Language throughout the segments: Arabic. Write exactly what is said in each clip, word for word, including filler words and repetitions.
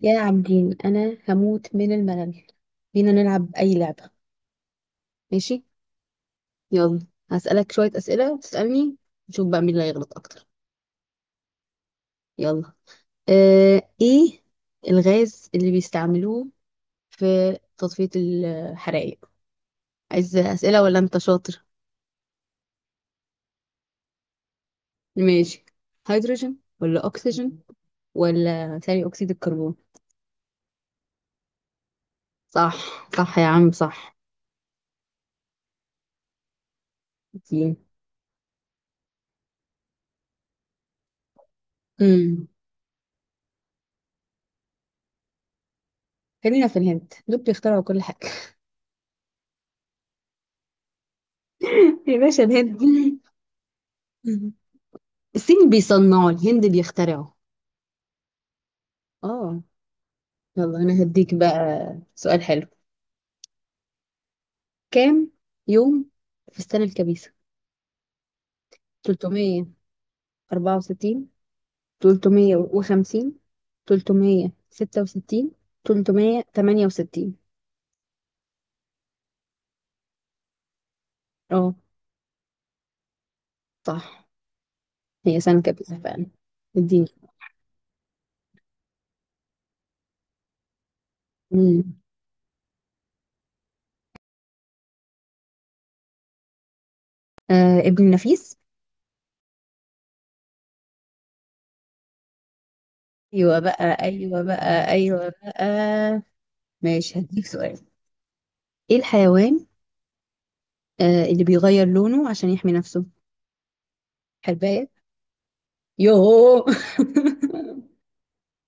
يا عابدين، انا هموت من الملل. بينا نلعب اي لعبة؟ ماشي. يلا، هسألك شوية أسئلة وتسألني، نشوف بقى مين اللي هيغلط اكتر. يلا. آه ايه، الغاز اللي بيستعملوه في تطفية الحرائق؟ عايز أسئلة ولا انت شاطر؟ ماشي، هيدروجين ولا اكسجين ولا ثاني اكسيد الكربون؟ صح، صح يا عم صح. امم خلينا في الهند، دول بيخترعوا كل حاجة. يا باشا، الهند. الصين بيصنعوا، الهند بيخترعوا. اه. يلا انا هديك بقى سؤال حلو. كام يوم في السنة الكبيسة؟ ثلاثمية وأربعة وستين، ثلاثمية وخمسين، تلتمية وستة وستين، تلتمية وتمانية وستين؟ اه، صح. هي سنة كبيسة فعلا. اديني. مم. آه، ابن النفيس. ايوه بقى، ايوه بقى، ايوه بقى. ماشي، هديك سؤال. ايه الحيوان آه اللي بيغير لونه عشان يحمي نفسه؟ حرباية. يوهو.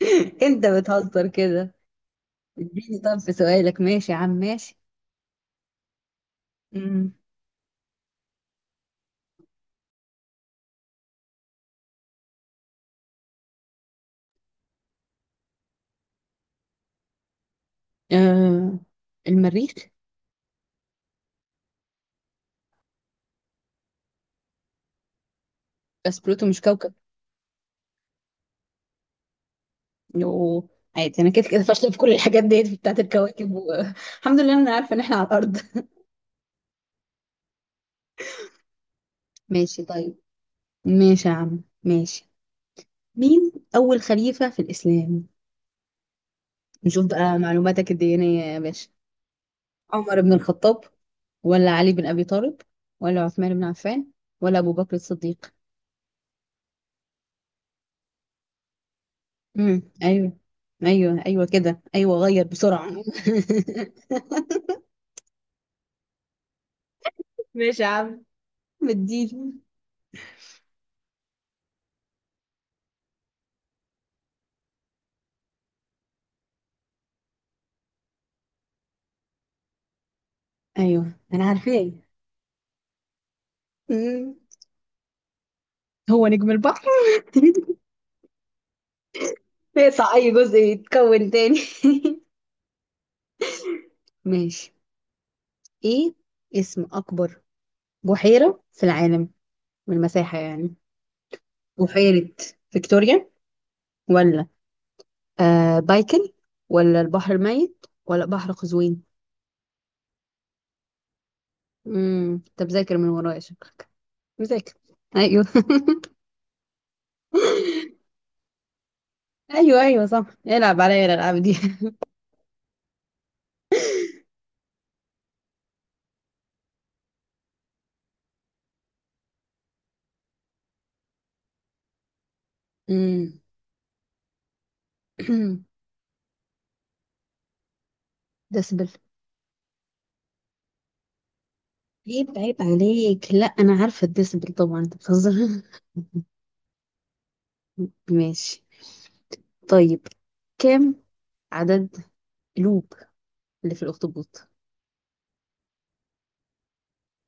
انت بتهزر كده. اديني، طب في سؤالك، ماشي يا عم ماشي. امم آه المريخ. بس بلوتو مش كوكب. يوه، عادي، انا كده كده فاشله في كل الحاجات ديت بتاعت الكواكب و... الحمد لله انا عارفه ان احنا على الارض. ماشي، طيب. ماشي يا عم ماشي. مين اول خليفه في الاسلام؟ نشوف بقى معلوماتك الدينيه يا باشا. عمر بن الخطاب، ولا علي بن ابي طالب، ولا عثمان بن عفان، ولا ابو بكر الصديق؟ امم ايوه، ايوه ايوه كده ايوه، غير بسرعه. ماشي يا عم، مديني. ايوه انا عارفاه. مم. هو نجم البحر. يقطع اي جزء يتكون تاني. ماشي. ايه اسم اكبر بحيرة في العالم، من المساحة يعني؟ بحيرة فيكتوريا، ولا آه بايكل، ولا البحر الميت، ولا بحر قزوين؟ امم انت مذاكر من ورايا شكلك، مذاكر. ايوه. ايوه ايوه صح، العب عليا الالعاب دي. امم ديسبل. عيب عيب عليك، لا انا عارفه الديسبل طبعا، انت بتهزر. ماشي، طيب. كم عدد قلوب اللي في الاخطبوط؟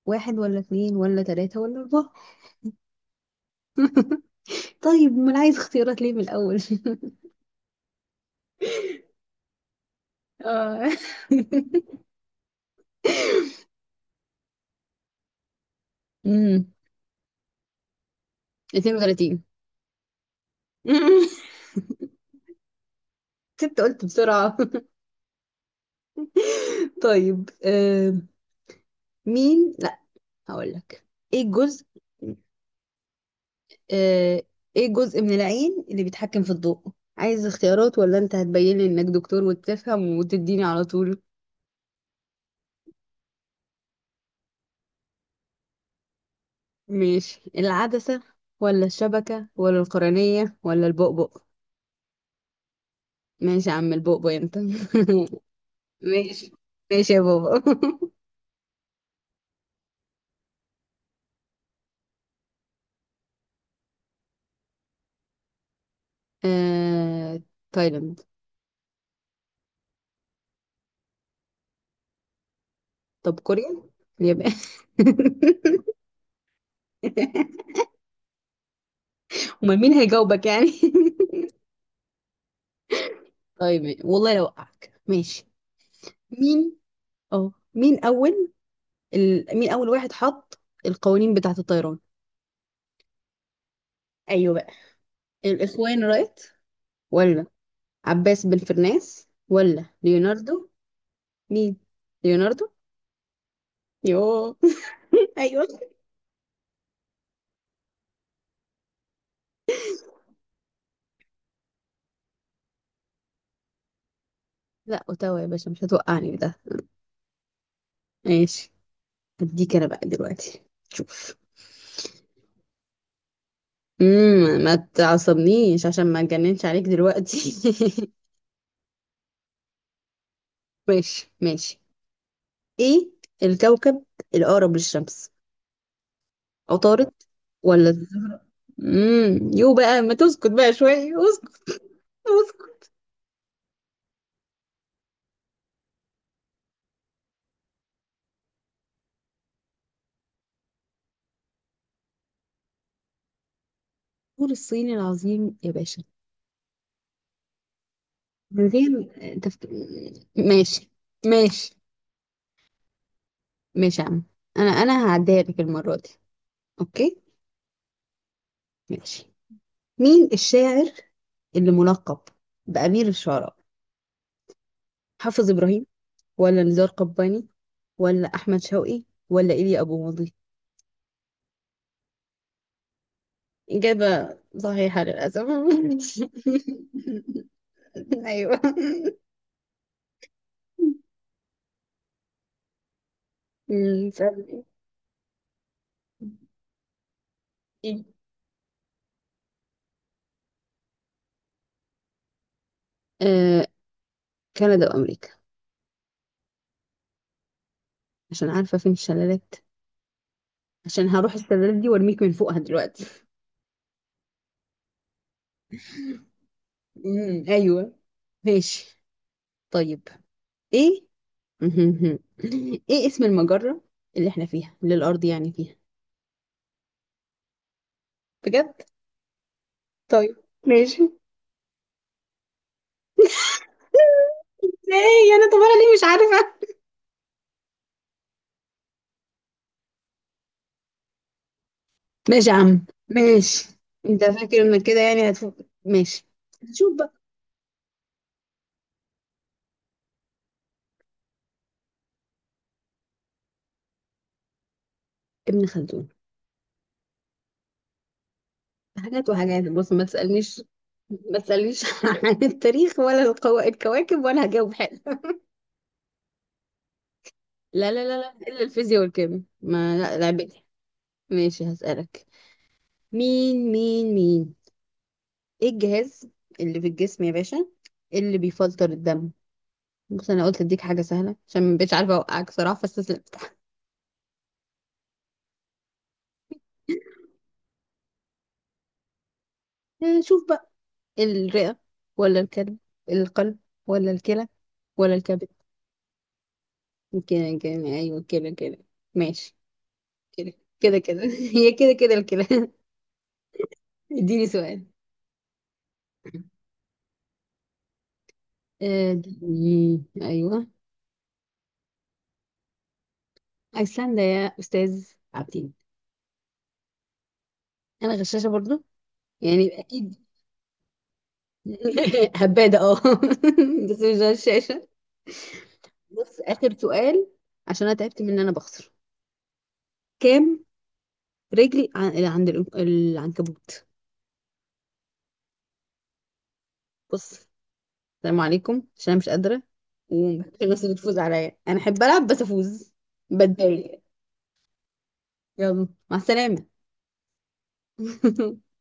واحد، ولا اتنين، ولا تلاتة، ولا اربعة؟ طيب امال عايز اختيارات ليه من الاول؟ اه. امم اتنين وتلاتين. كنت قلت بسرعة. طيب. آه مين لا هقول لك ايه الجزء آه، ايه الجزء من العين اللي بيتحكم في الضوء؟ عايز اختيارات ولا انت هتبين لي انك دكتور وتفهم وتديني على طول؟ ماشي، العدسة ولا الشبكة ولا القرنية ولا البؤبؤ؟ ماشي يا عم، البؤبؤ انت. ماشي، ماشي يا بابا. آه... تايلاند. طب كوريا. اليابان. امال مين هيجاوبك يعني؟ طيب والله لو وقعك ماشي. مين، اه مين اول ال... مين أول واحد حط القوانين بتاعة الطيران؟ ايوه بقى. الإخوان رايت، ولا عباس بن فرناس، ولا ليوناردو؟ مين ليوناردو؟ يوه. ايوه. لا، اوتاوا يا باشا، مش هتوقعني ده. ماشي، هديك انا بقى دلوقتي. شوف. امم ما تعصبنيش عشان ما اتجننش عليك دلوقتي. ماشي ماشي. ايه الكوكب الاقرب للشمس؟ عطارد ولا الزهرة؟ امم يو بقى، ما تسكت بقى شوية، اسكت. اسكت. الطور الصيني العظيم يا باشا. من غير تفك... ماشي، ماشي، ماشي يا عم، انا انا هعديها لك المرة دي. اوكي. ماشي. مين الشاعر اللي ملقب بأمير الشعراء؟ حافظ إبراهيم، ولا نزار قباني، ولا أحمد شوقي، ولا إيليا أبو ماضي؟ إجابة صحيحة للأسف. أيوه. مم. اسألي. ايه. آه، كندا وامريكا. عشان عارفه فين الشلالات، عشان هروح الشلالات دي وارميك من فوقها دلوقتي. امم ايوه، ماشي، طيب. ايه. ايه اسم المجره اللي احنا فيها، اللي الارض يعني فيها؟ بجد؟ طيب، ماشي. ازاي؟ انا طب انا ليه مش عارفه؟ ماشي يا عم ماشي. انت فاكر انك كده يعني هتفوق؟ ماشي. نشوف بقى. ابن خلدون. حاجات وحاجات، بص ما تسألنيش ما تسألنيش عن التاريخ ولا القو... الكواكب، ولا هجاوب حلو. لا لا لا لا، إلا الفيزياء والكيمياء، ما لا لعبتي. ماشي، هسألك. مين مين مين ايه الجهاز اللي في الجسم يا باشا، اللي بيفلتر الدم؟ بص، انا قلت اديك حاجة سهلة عشان مبقتش عارفة اوقعك صراحة، فاستسلمت. آه، شوف بقى. الرئة، ولا الكلب، القلب، ولا الكلى، ولا الكبد؟ يمكن يمكن، ايوه كده كده. ماشي. كده، كده كده. هي كده كده الكلام. اديني سؤال. آه، اديني ايوه. ايسلندا يا استاذ عابدين. انا غشاشه برضو، يعني اكيد. هبادة اه. بس مش غشاشة. بص، آخر سؤال عشان أنا تعبت من إن أنا بخسر. كام رجل عن- عند الإن- العنكبوت؟ بص، السلام عليكم عشان أنا مش قادرة، ومحبش الناس اللي تفوز عليا، أنا أحب ألعب بس أفوز. بتضايق. يلا، مع السلامة.